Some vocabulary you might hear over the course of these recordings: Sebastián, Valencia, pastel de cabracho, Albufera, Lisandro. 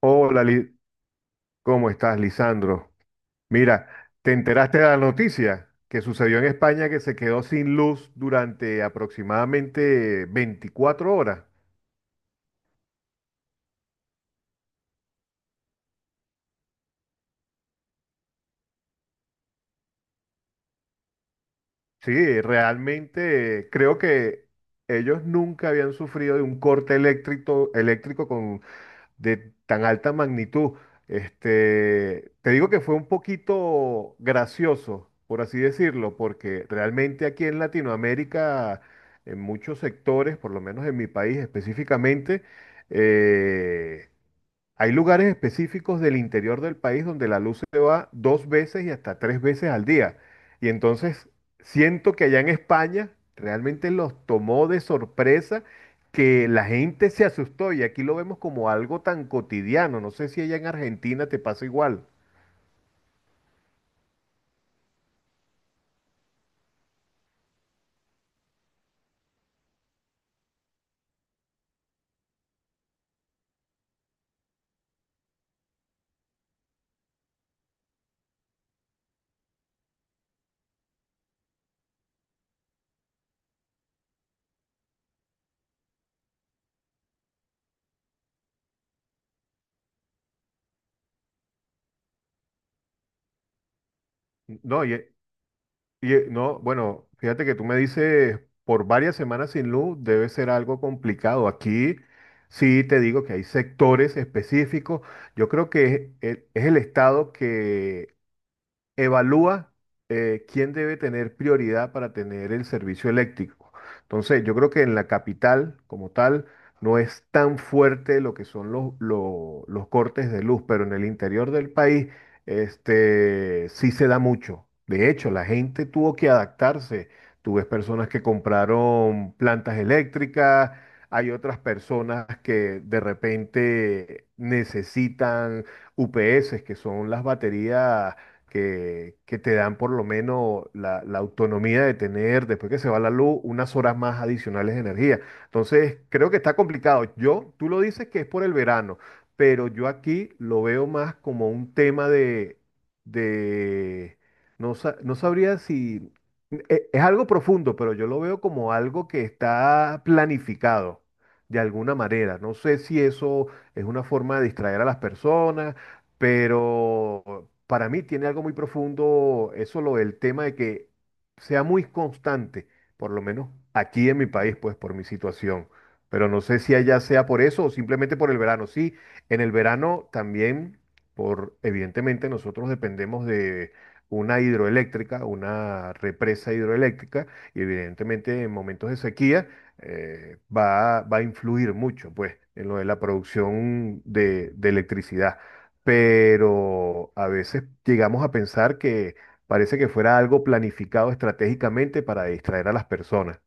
Hola, ¿cómo estás, Lisandro? Mira, ¿te enteraste de la noticia que sucedió en España que se quedó sin luz durante aproximadamente 24 horas? Sí, realmente creo que ellos nunca habían sufrido de un corte eléctrico, eléctrico con de tan alta magnitud. Este, te digo que fue un poquito gracioso, por así decirlo, porque realmente aquí en Latinoamérica, en muchos sectores, por lo menos en mi país específicamente, eh, hay lugares específicos del interior del país donde la luz se va dos veces y hasta tres veces al día. Y entonces siento que allá en España realmente los tomó de sorpresa, que la gente se asustó y aquí lo vemos como algo tan cotidiano. No sé si allá en Argentina te pasa igual. No, y, Y, no, bueno, fíjate que tú me dices por varias semanas sin luz debe ser algo complicado. Aquí sí te digo que hay sectores específicos. Yo creo que es el estado evalúa quién debe tener prioridad para tener el servicio eléctrico. Entonces, yo creo que en la capital, como tal, no es tan fuerte lo que son los cortes de luz, pero en el interior del país, este, sí se da mucho. De hecho, la gente tuvo que adaptarse. Tú ves personas que compraron plantas eléctricas, hay otras personas que de repente necesitan UPS, que son las baterías que te dan por lo menos la autonomía de tener, después que se va la luz, unas horas más adicionales de energía. Entonces, creo que está complicado. Yo, tú lo dices que es por el verano, pero yo aquí lo veo más como un tema de, no sabría si, es algo profundo, pero yo lo veo como algo que está planificado de alguna manera. No sé si eso es una forma de distraer a las personas, pero para mí tiene algo muy profundo eso, lo del tema de que sea muy constante, por lo menos aquí en mi país, pues por mi situación. Pero no sé si allá sea por eso o simplemente por el verano. Sí, en el verano también, por evidentemente nosotros dependemos de una hidroeléctrica, una represa hidroeléctrica, y evidentemente en momentos de sequía va a influir mucho, pues, en lo de la producción de electricidad, pero a veces llegamos a pensar que parece que fuera algo planificado estratégicamente para distraer a las personas.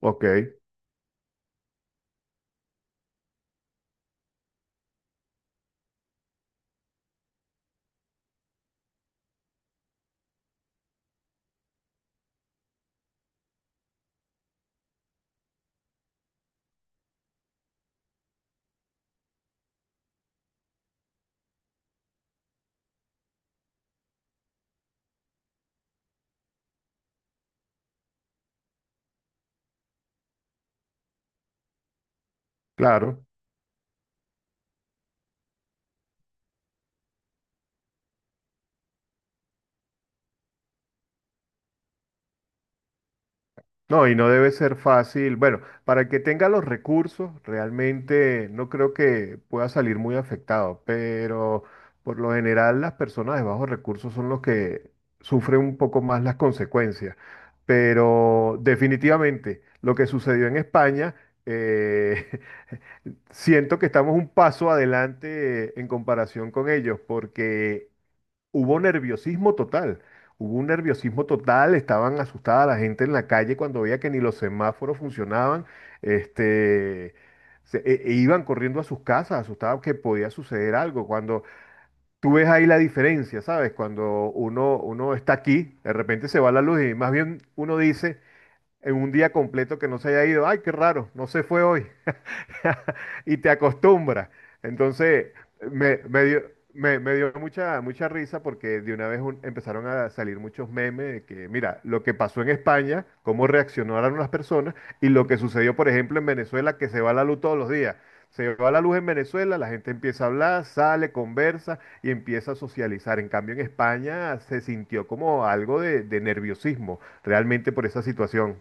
Ok, claro. No, y no debe ser fácil. Bueno, para el que tenga los recursos, realmente no creo que pueda salir muy afectado, pero por lo general las personas de bajos recursos son los que sufren un poco más las consecuencias. Pero definitivamente lo que sucedió en España... eh, Siento que estamos un paso adelante en comparación con ellos, porque hubo nerviosismo total. Hubo un nerviosismo total, estaban asustada la gente en la calle cuando veía que ni los semáforos funcionaban. Este, Iban corriendo a sus casas, asustados que podía suceder algo. Cuando tú ves ahí la diferencia, ¿sabes? Cuando uno está aquí, de repente se va la luz y más bien uno dice, en un día completo que no se haya ido, ay, qué raro, no se fue hoy. Y te acostumbras. Entonces, me, me dio, me dio mucha risa porque de una vez empezaron a salir muchos memes de que, mira, lo que pasó en España, cómo reaccionaron las personas y lo que sucedió, por ejemplo, en Venezuela, que se va la luz todos los días. Se va la luz en Venezuela, la gente empieza a hablar, sale, conversa y empieza a socializar. En cambio, en España se sintió como algo de nerviosismo realmente por esa situación.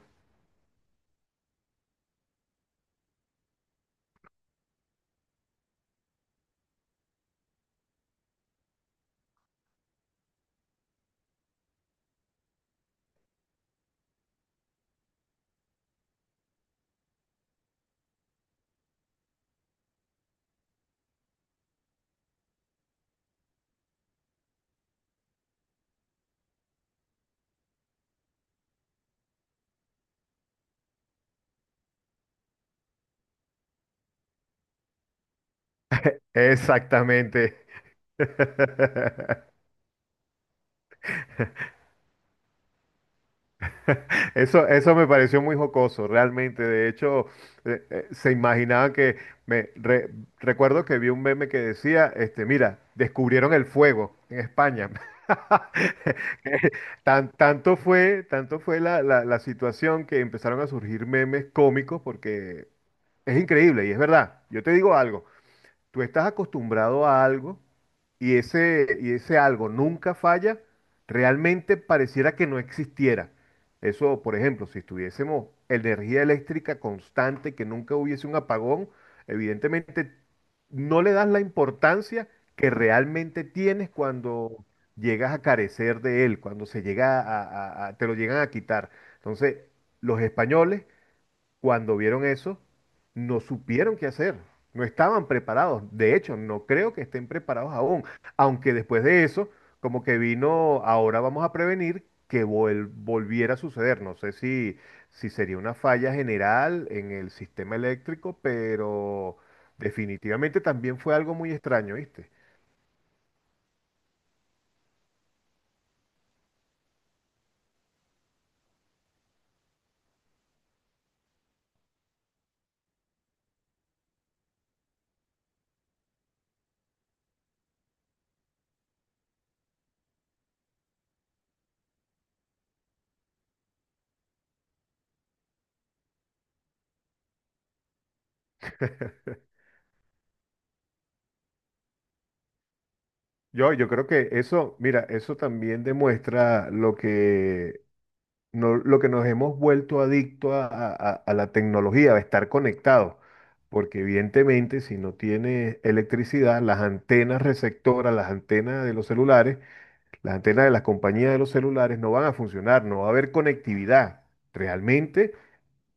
Exactamente. Eso me pareció muy jocoso, realmente. De hecho, se imaginaban que me re- recuerdo que vi un meme que decía, este, mira, descubrieron el fuego en España. Que Tan, tanto fue la situación que empezaron a surgir memes cómicos porque es increíble y es verdad. Yo te digo algo, tú estás acostumbrado a algo y ese algo nunca falla, realmente pareciera que no existiera. Eso, por ejemplo, si tuviésemos energía eléctrica constante, que nunca hubiese un apagón, evidentemente no le das la importancia que realmente tienes cuando llegas a carecer de él, cuando se llega te lo llegan a quitar. Entonces, los españoles cuando vieron eso, no supieron qué hacer, no estaban preparados. De hecho, no creo que estén preparados aún, aunque después de eso, como que vino, ahora vamos a prevenir que volviera a suceder. No sé si, si sería una falla general en el sistema eléctrico, pero definitivamente también fue algo muy extraño, ¿viste? Yo creo que eso, mira, eso también demuestra lo que lo que nos hemos vuelto adicto a la tecnología, a estar conectados, porque evidentemente si no tienes electricidad, las antenas receptoras, las antenas de los celulares, las antenas de las compañías de los celulares no van a funcionar, no va a haber conectividad. Realmente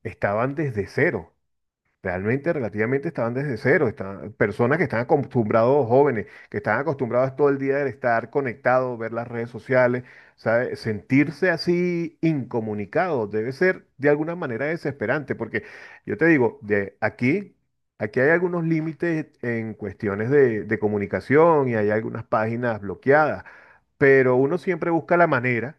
estaban desde cero. Realmente, relativamente estaban desde cero, estaban, personas que están acostumbrados, jóvenes, que están acostumbrados todo el día de estar conectados, ver las redes sociales, ¿sabe? Sentirse así incomunicado debe ser de alguna manera desesperante, porque yo te digo, de aquí, aquí hay algunos límites en cuestiones de comunicación y hay algunas páginas bloqueadas, pero uno siempre busca la manera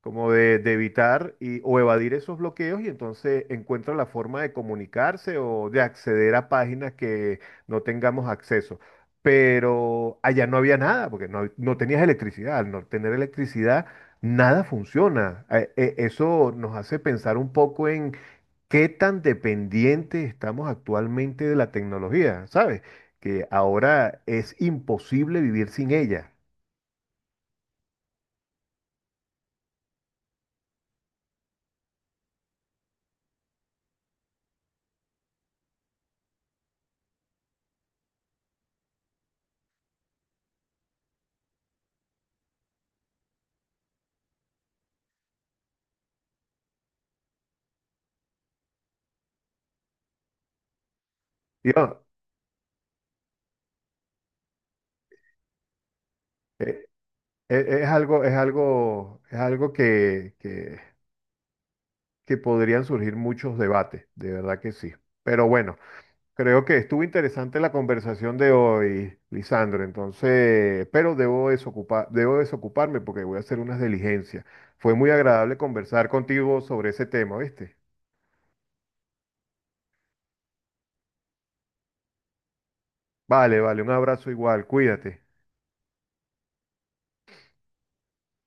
como de evitar y, o evadir esos bloqueos y entonces encuentra la forma de comunicarse o de acceder a páginas que no tengamos acceso. Pero allá no había nada, porque no tenías electricidad. Al no tener electricidad, nada funciona. Eso nos hace pensar un poco en qué tan dependientes estamos actualmente de la tecnología, ¿sabes? Que ahora es imposible vivir sin ella. Y, oh, es algo que podrían surgir muchos debates, de verdad que sí. Pero bueno, creo que estuvo interesante la conversación de hoy, Lisandro. Entonces, pero debo desocuparme porque voy a hacer unas diligencias. Fue muy agradable conversar contigo sobre ese tema, ¿viste? Vale, vale, un abrazo igual, cuídate.